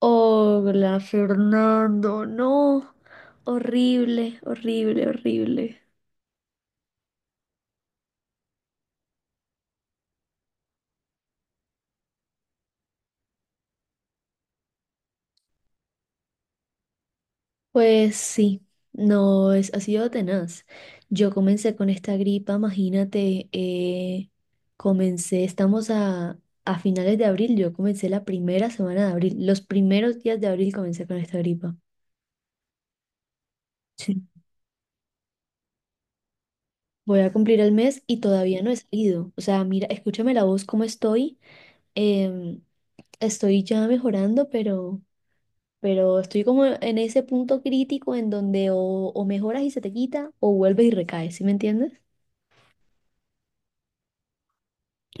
Hola, Fernando. No, horrible, horrible, horrible. Pues sí, no, ha sido tenaz. Yo comencé con esta gripa, imagínate, estamos a finales de abril, yo comencé la primera semana de abril, los primeros días de abril comencé con esta gripa. Sí. Voy a cumplir el mes y todavía no he salido. O sea, mira, escúchame la voz, cómo estoy. em, Estoy ya mejorando, pero estoy como en ese punto crítico en donde o mejoras y se te quita o vuelves y recaes, ¿sí me entiendes?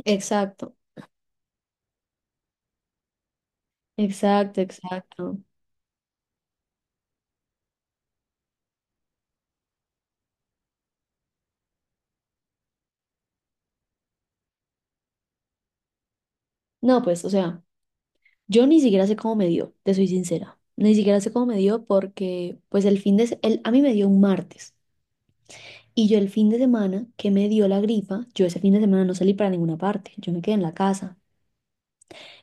Exacto, exacto, exacto. No, pues, o sea, yo ni siquiera sé cómo me dio, te soy sincera. Ni siquiera sé cómo me dio porque, pues, el fin de, se- el, a mí me dio un martes. Y yo el fin de semana que me dio la gripa, yo ese fin de semana no salí para ninguna parte, yo me quedé en la casa.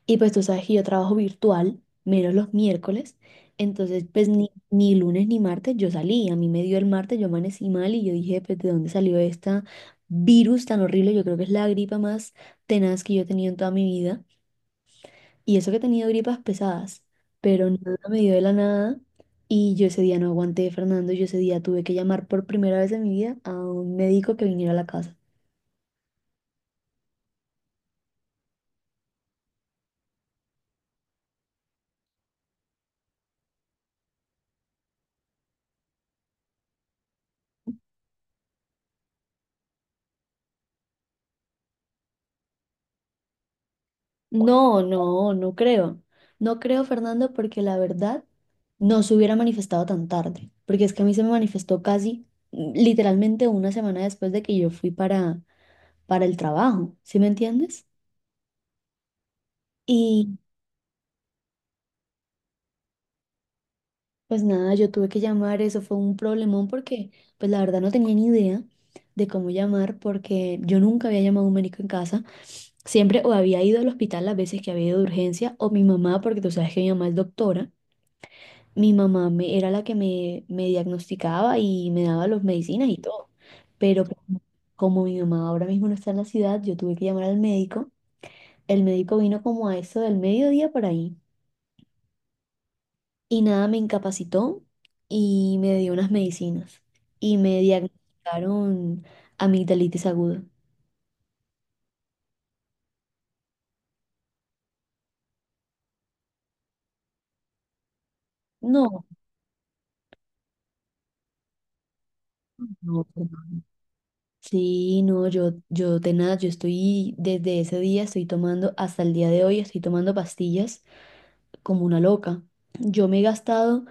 Y pues tú sabes que yo trabajo virtual, menos los miércoles. Entonces, pues ni lunes ni martes yo salí. A mí me dio el martes, yo amanecí mal y yo dije, pues, ¿de dónde salió esta virus tan horrible? Yo creo que es la gripa más tenaz que yo he tenido en toda mi vida. Y eso que he tenido gripas pesadas, pero nada me dio de la nada. Y yo ese día no aguanté, Fernando. Yo ese día tuve que llamar por primera vez en mi vida a un médico que viniera a la casa. No, no, no creo. No creo, Fernando, porque la verdad no se hubiera manifestado tan tarde, porque es que a mí se me manifestó casi, literalmente, una semana después de que yo fui para el trabajo, ¿sí me entiendes? Y pues nada, yo tuve que llamar, eso fue un problemón porque pues la verdad no tenía ni idea de cómo llamar porque yo nunca había llamado a un médico en casa. Siempre o había ido al hospital las veces que había ido de urgencia o mi mamá, porque tú sabes que mi mamá es doctora. Mi mamá era la que me diagnosticaba y me daba las medicinas y todo. Pero como mi mamá ahora mismo no está en la ciudad, yo tuve que llamar al médico. El médico vino como a eso del mediodía por ahí. Y nada, me incapacitó y me dio unas medicinas. Y me diagnosticaron amigdalitis aguda. No, no, pues no. Sí, no, yo de nada, yo estoy desde ese día, estoy tomando, hasta el día de hoy, estoy tomando pastillas como una loca. Yo me he gastado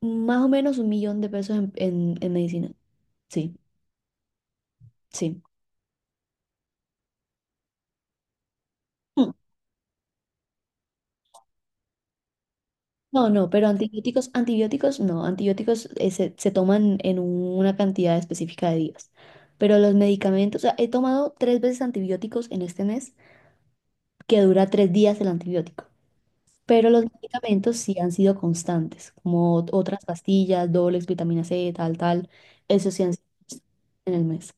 más o menos un millón de pesos en, en medicina. Sí, sí. Mm. No, no, pero antibióticos, antibióticos no. Antibióticos, se toman en una cantidad específica de días. Pero los medicamentos, o sea, he tomado tres veces antibióticos en este mes, que dura 3 días el antibiótico. Pero los medicamentos sí han sido constantes, como otras pastillas, dobles, vitamina C, tal, tal. Eso sí han sido en el mes.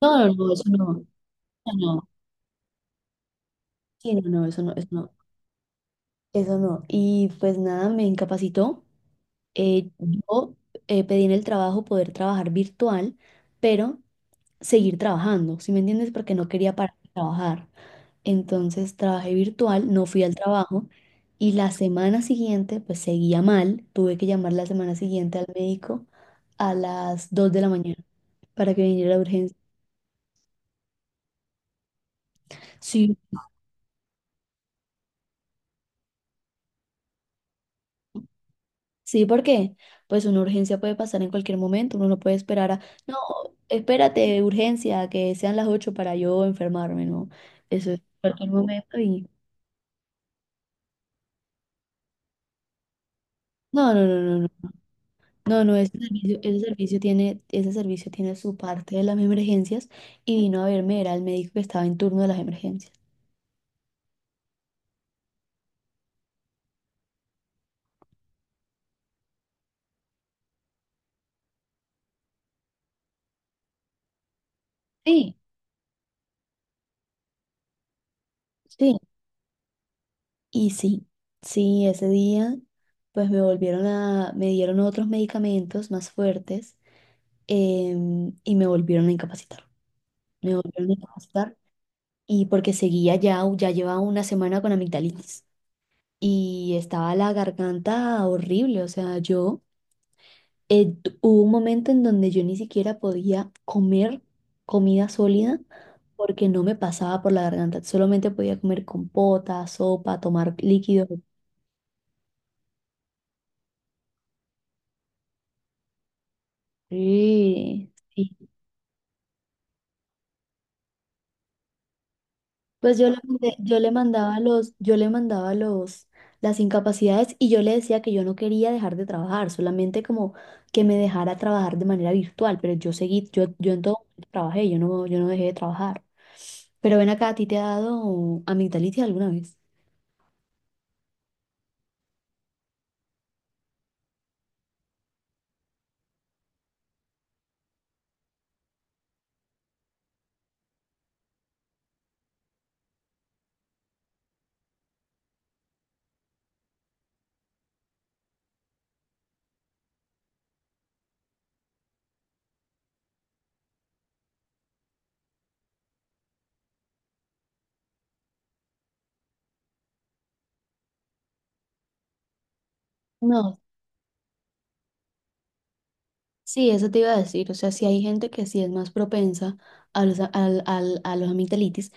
No, no, no, eso no. Eso no. Sí, no, no, eso no, eso no. Eso no. Y pues nada, me incapacitó. Yo, pedí en el trabajo poder trabajar virtual, pero seguir trabajando, ¿sí me entiendes? Porque no quería parar de trabajar. Entonces trabajé virtual, no fui al trabajo y la semana siguiente pues seguía mal. Tuve que llamar la semana siguiente al médico a las 2 de la mañana para que viniera la urgencia. Sí, sí, porque pues una urgencia puede pasar en cualquier momento, uno no puede esperar a, no, espérate, urgencia, que sean las 8 para yo enfermarme, no, eso es cualquier momento y no, no, no, no, no, no, no, ese servicio, ese servicio tiene su parte de las emergencias y vino a verme, era el médico que estaba en turno de las emergencias. Sí, sí, y sí, sí, ese día pues me dieron otros medicamentos más fuertes, y me volvieron a incapacitar. Me volvieron a capacitar y porque seguía, ya ya llevaba una semana con amigdalitis y estaba la garganta horrible, o sea, hubo un momento en donde yo ni siquiera podía comer comida sólida porque no me pasaba por la garganta, solamente podía comer compota, sopa, tomar líquidos. Sí, sí. Pues yo le mandaba los, las incapacidades y yo le decía que yo no quería dejar de trabajar, solamente como que me dejara trabajar de manera virtual, pero yo seguí, yo en todo momento trabajé, yo no dejé de trabajar. Pero ven acá, ¿a ti te ha dado amigdalitis alguna vez? No, sí, eso te iba a decir, o sea, sí hay gente que sí es más propensa a los amigdalitis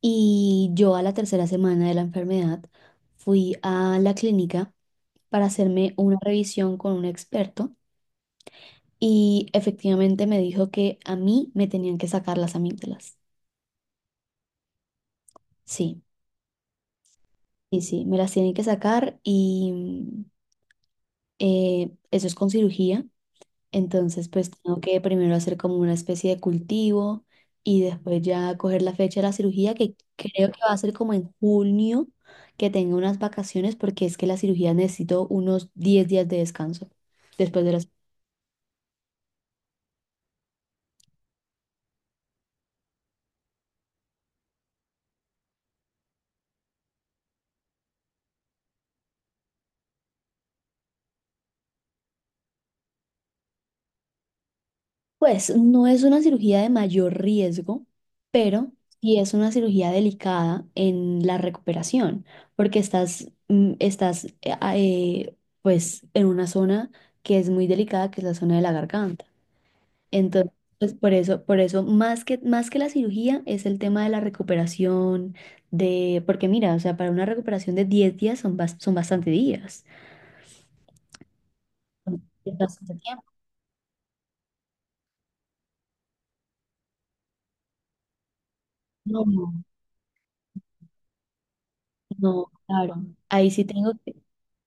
y yo a la tercera semana de la enfermedad fui a la clínica para hacerme una revisión con un experto y efectivamente me dijo que a mí me tenían que sacar las amígdalas. Sí, sí, sí, me las tienen que sacar y, eso es con cirugía. Entonces, pues tengo que primero hacer como una especie de cultivo y después ya coger la fecha de la cirugía, que creo que va a ser como en junio, que tenga unas vacaciones porque es que la cirugía necesito unos 10 días de descanso después de la. Pues no es una cirugía de mayor riesgo, pero sí es una cirugía delicada en la recuperación, porque estás, pues en una zona que es muy delicada, que es la zona de la garganta. Entonces, pues por eso más que la cirugía es el tema de la recuperación porque mira, o sea, para una recuperación de 10 días son, son bastante días. Es bastante tiempo. No, no, no, claro. Ahí sí tengo que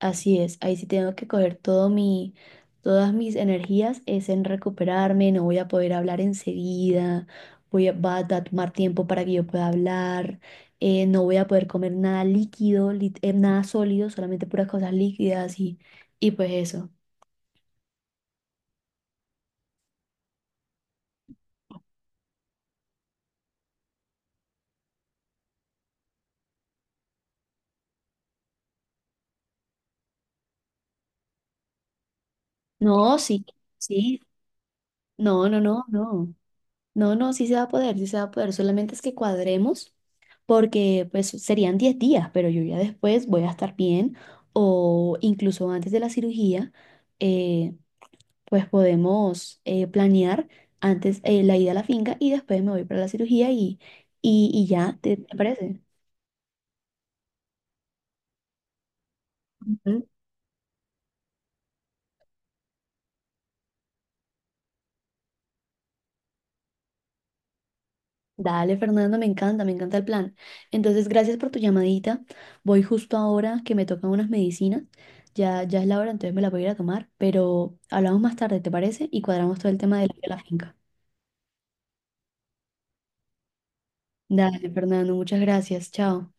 Así es, ahí sí tengo que coger todo mi, todas mis energías es en recuperarme, no voy a poder hablar enseguida, va a tomar tiempo para que yo pueda hablar, no voy a poder comer nada líquido, nada sólido, solamente puras cosas líquidas y pues eso. No, sí, sí, no, no, no, no. No, no, sí se va a poder, sí se va a poder. Solamente es que cuadremos porque pues serían 10 días, pero yo ya después voy a estar bien o incluso antes de la cirugía, eh, pues podemos planear antes, la ida a la finca y después me voy para la cirugía y ya, ¿te parece? Dale, Fernando, me encanta el plan. Entonces, gracias por tu llamadita. Voy justo ahora que me tocan unas medicinas. Ya, ya es la hora, entonces me las voy a ir a tomar, pero hablamos más tarde, ¿te parece? Y cuadramos todo el tema de la, finca. Dale, Fernando, muchas gracias. Chao.